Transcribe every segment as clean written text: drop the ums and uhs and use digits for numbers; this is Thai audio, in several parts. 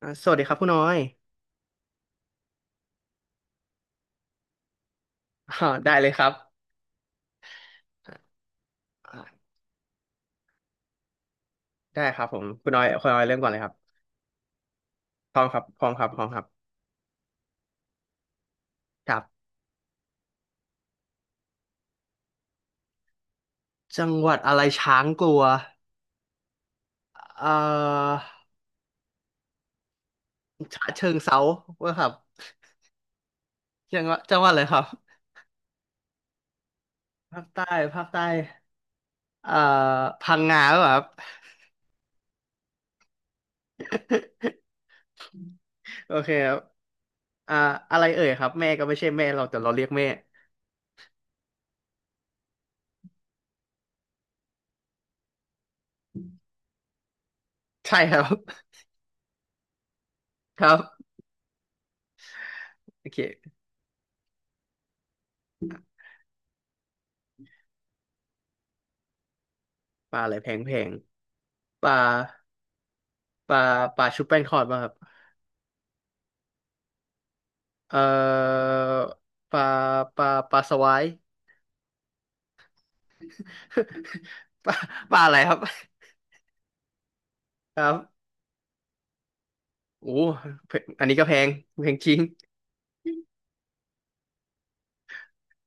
สวัสดีครับคุณน้อยอ่าได้เลยครับอ่าได้ครับผมคุณน้อยคุณน้อยเริ่มก่อนเลยครับ พร้อมครับพร้อมครับพร้อมครับครับจังหวัดอะไรช้างกลัวเอ่อฉะเชิงเทราว่าครับจังหวัดอะไรครับภาคใต้ภาคใต้เอ่อพังงาหรือเปล่าครับ โอเคครับอ่าอะไรเอ่ยครับแม่ก็ไม่ใช่แม่เราแต่เราเรียกแม่ใช่ครับ ครับโอเคปลาอะไรแพงแพงปลาปลาปลาชุบแป้งทอดป่ะครับ เอ่อปลาปลาปลาสวาย ปลาปลาอะไรครับครับโอ้เพอันนี้ก็แพงแพงจริง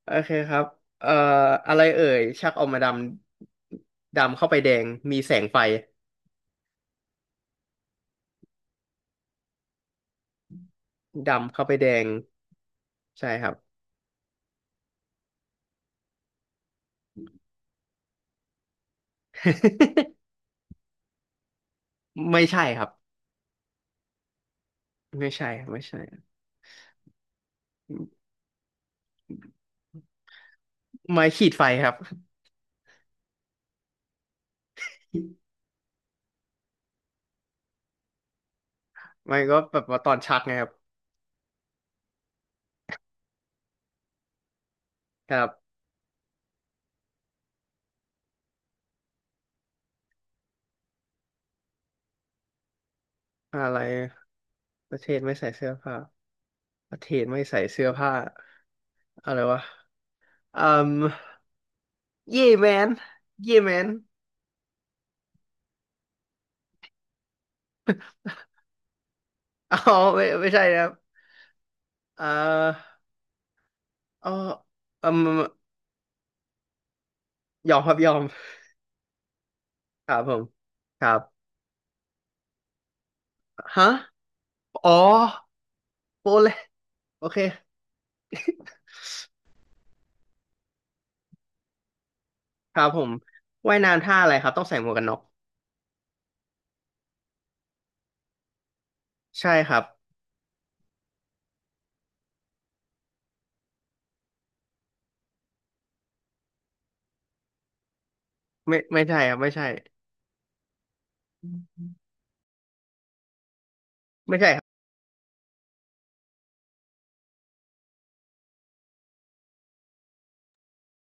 โอเคครับเอ่ออะไรเอ่ยชักออกมาดำดำเข้าไปแดงมีแสงไฟดำเข้าไปแดงใช่ครับ ไม่ใช่ครับไม่ใช่ไม่ใช่ไม้ขีดไฟครับไม้ก็แบบว่าตอนชักไงครับครับอะไรประเทศไม่ใส่เสื้อผ้าประเทศไม่ใส่เสื้อผ้าอะไรวะ เอ่มเย่แมนเย่แมนอ๋อ ไม่ไม่ใช่นะครับเอ่ออ่อเอ่มยอมครับยอมครับผมครับฮะอ๋อโปแลนโอเคครับผมว่ายน้ำท่าอะไรครับต้องใส่หมวกกันน็อกใช่ครับไม่ไม่ใช่ครับไม่ใช่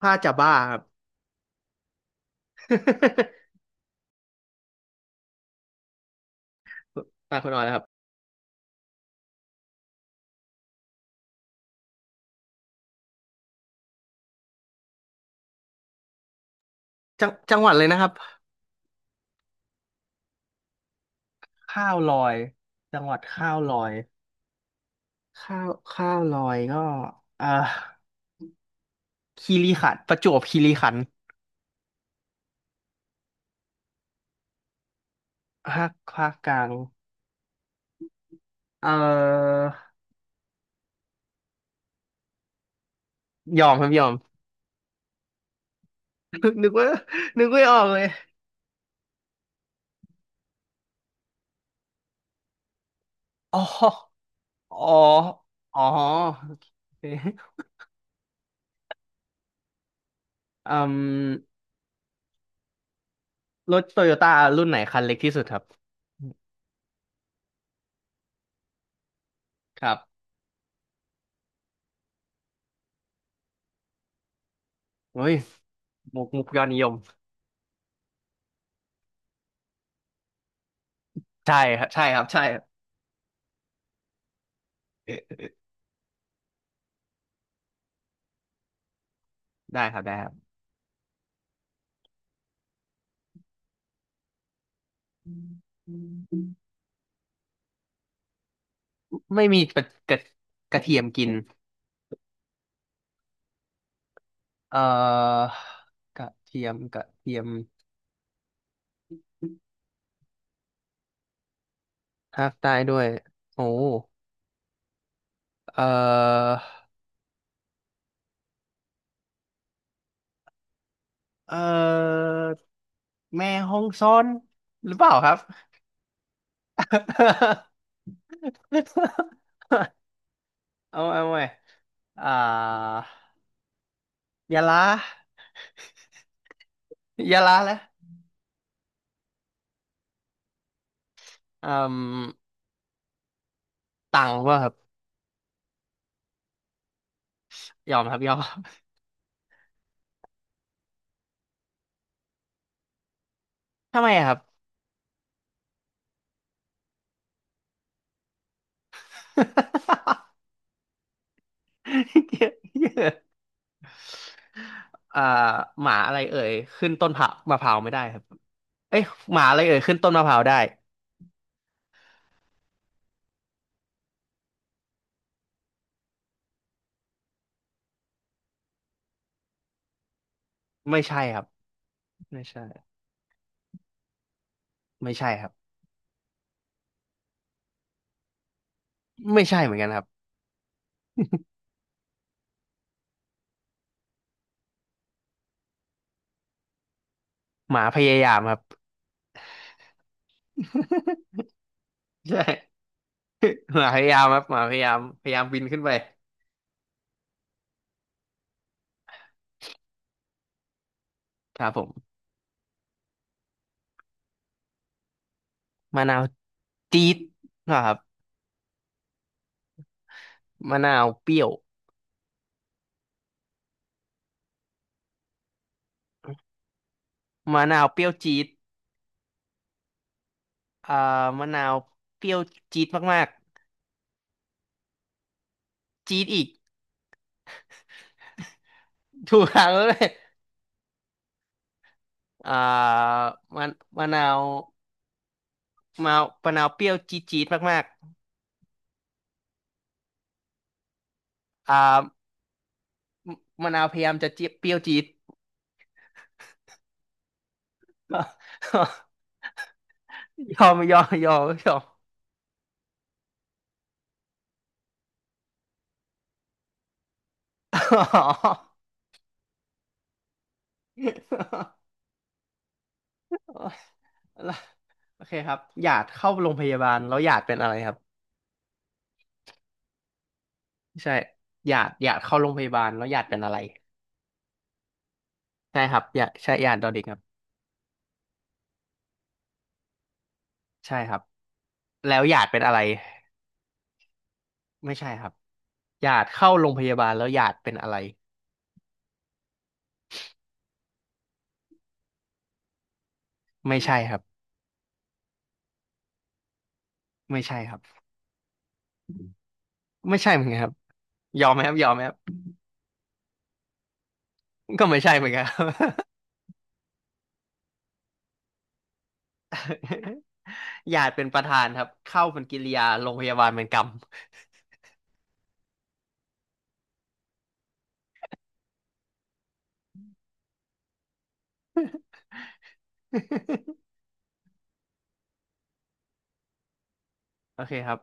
ผ้าจะบ้าครับ ตาคุณออยแล้วครับจังหวัดเลยนะครับข้าวลอยจังหวัดข้าวลอยข้าวลอยก็อ่า คีรีขันธ์ประจวบคีรีขันธ์ภาคภาคกลางเอ่อยอมครับยอมนึกว่านึกไม่ออกเลยอ๋ออ๋ออ๋อโอเคอืมรถโตโยต้ารุ่นไหนคันเล็กที่สุดครับครับเฮ้ยมุกยอดนิยมใช่ครับใช่ครับใช่ครับเออเออได้ครับได้ครับไม่มีกระกระกระเทียมกินเอ่อกระเทียมกระเทียม ภาคใต้ด้วยโอ้เอ่อเออแม่ฮองซอนหรือเปล่าครับ เอาใหม่อ่ายะลายะลาแล้วอืมตังว่าครับยอมครับยอม ทำไมอะครับ เยอะ เยอะอ่าหมาอะไรเอ่ยขึ้นต้นผักมะพร้าวไม่ได้ครับเอ้ยหมาอะไรเอ่ยขึ้นต้นมะพร้าวได้ไม่ใช่ครับไม่ใช่ไม่ใช่ครับ ไม่ใช่เหมือนกันครับหมาพยายามครับ ใช่หมาพยายามครับหมาพยายามพยายามบินขึ้นไปครับผมมะนาวจี๊ดนะครับมะนาวเปรี้ยวมะนาวเปรี้ยวจี๊ดอ่ามะนาวเปรี้ยวจี๊ดมากๆจี๊ดอีกถูกทางแล้วเลยอ่ามะมะนาวมะนาวมะนาวเปรี้ยวจี๊ดจี๊ดมากๆมะนาวพยายามจะเจี๊ยเปรี้ยวจี๊ด ยอมยอมยอมยอมอ๋อ โออแล้วโอเคครับหยาดเข้าโรงพยาบาลแล้วหยาดเป็นอะไรครับใช่หยาดหยาดเข้าโรงพยาบาลแล้วหยาดเป็นอะไรใช่ครับหยาดใช่หยาดดอเด็กครับใช่ครับแล้วหยาดเป็นอะไรไม่ใช่ครับหยาดเข้าโรงพยาบาลแล้วหยาดเป็นอะไรไม่ใช่ครับไม่ใช่ครับไม่ใช่เหมือนกันครับยอมไหมครับยอมไหมครับก็ไม่ใช่เหมือนกันครับ หยาดเป็นประธานครับเข้าเป็นกิริยาโรงพยาบาลเป็นกรรม โอเคครับ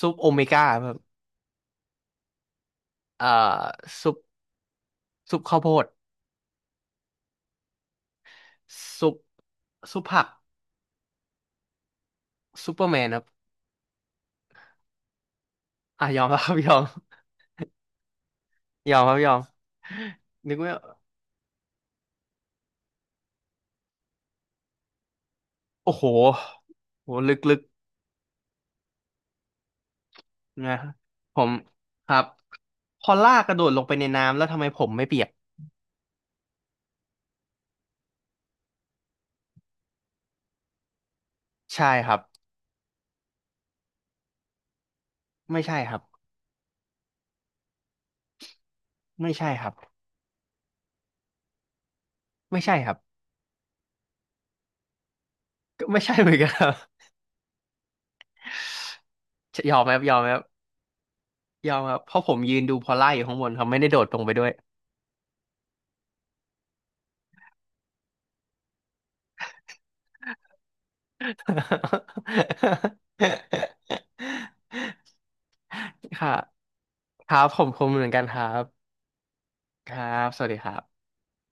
ซุปโอเมก้าครับเอ่อซุปซุปข้าวโพด ซุปซุปผักซูเปอร์แมนครับอ่ะยอมครับ ยอมยอมครับยอมนึกว่าโอ้โหโหลึกๆนะผมครับพอลากกระโดดลงไปในน้ำแล้วทำไมผมไม่เปียกใช่ครับไม่ใช่ครับไม่ใช่ครับไม่ใช่ครับก็ไม่ใช่เหมือนกันครับ ยอมไหมครับยอมไหมครับยอมครับเพราะผมยืนดูพอลล่าอยู่ข้างบนครับไม่ได้โดดลงไปด้วย ค่ะครับผมคมเหมือนกันครับ ครับ สวัสดีครับ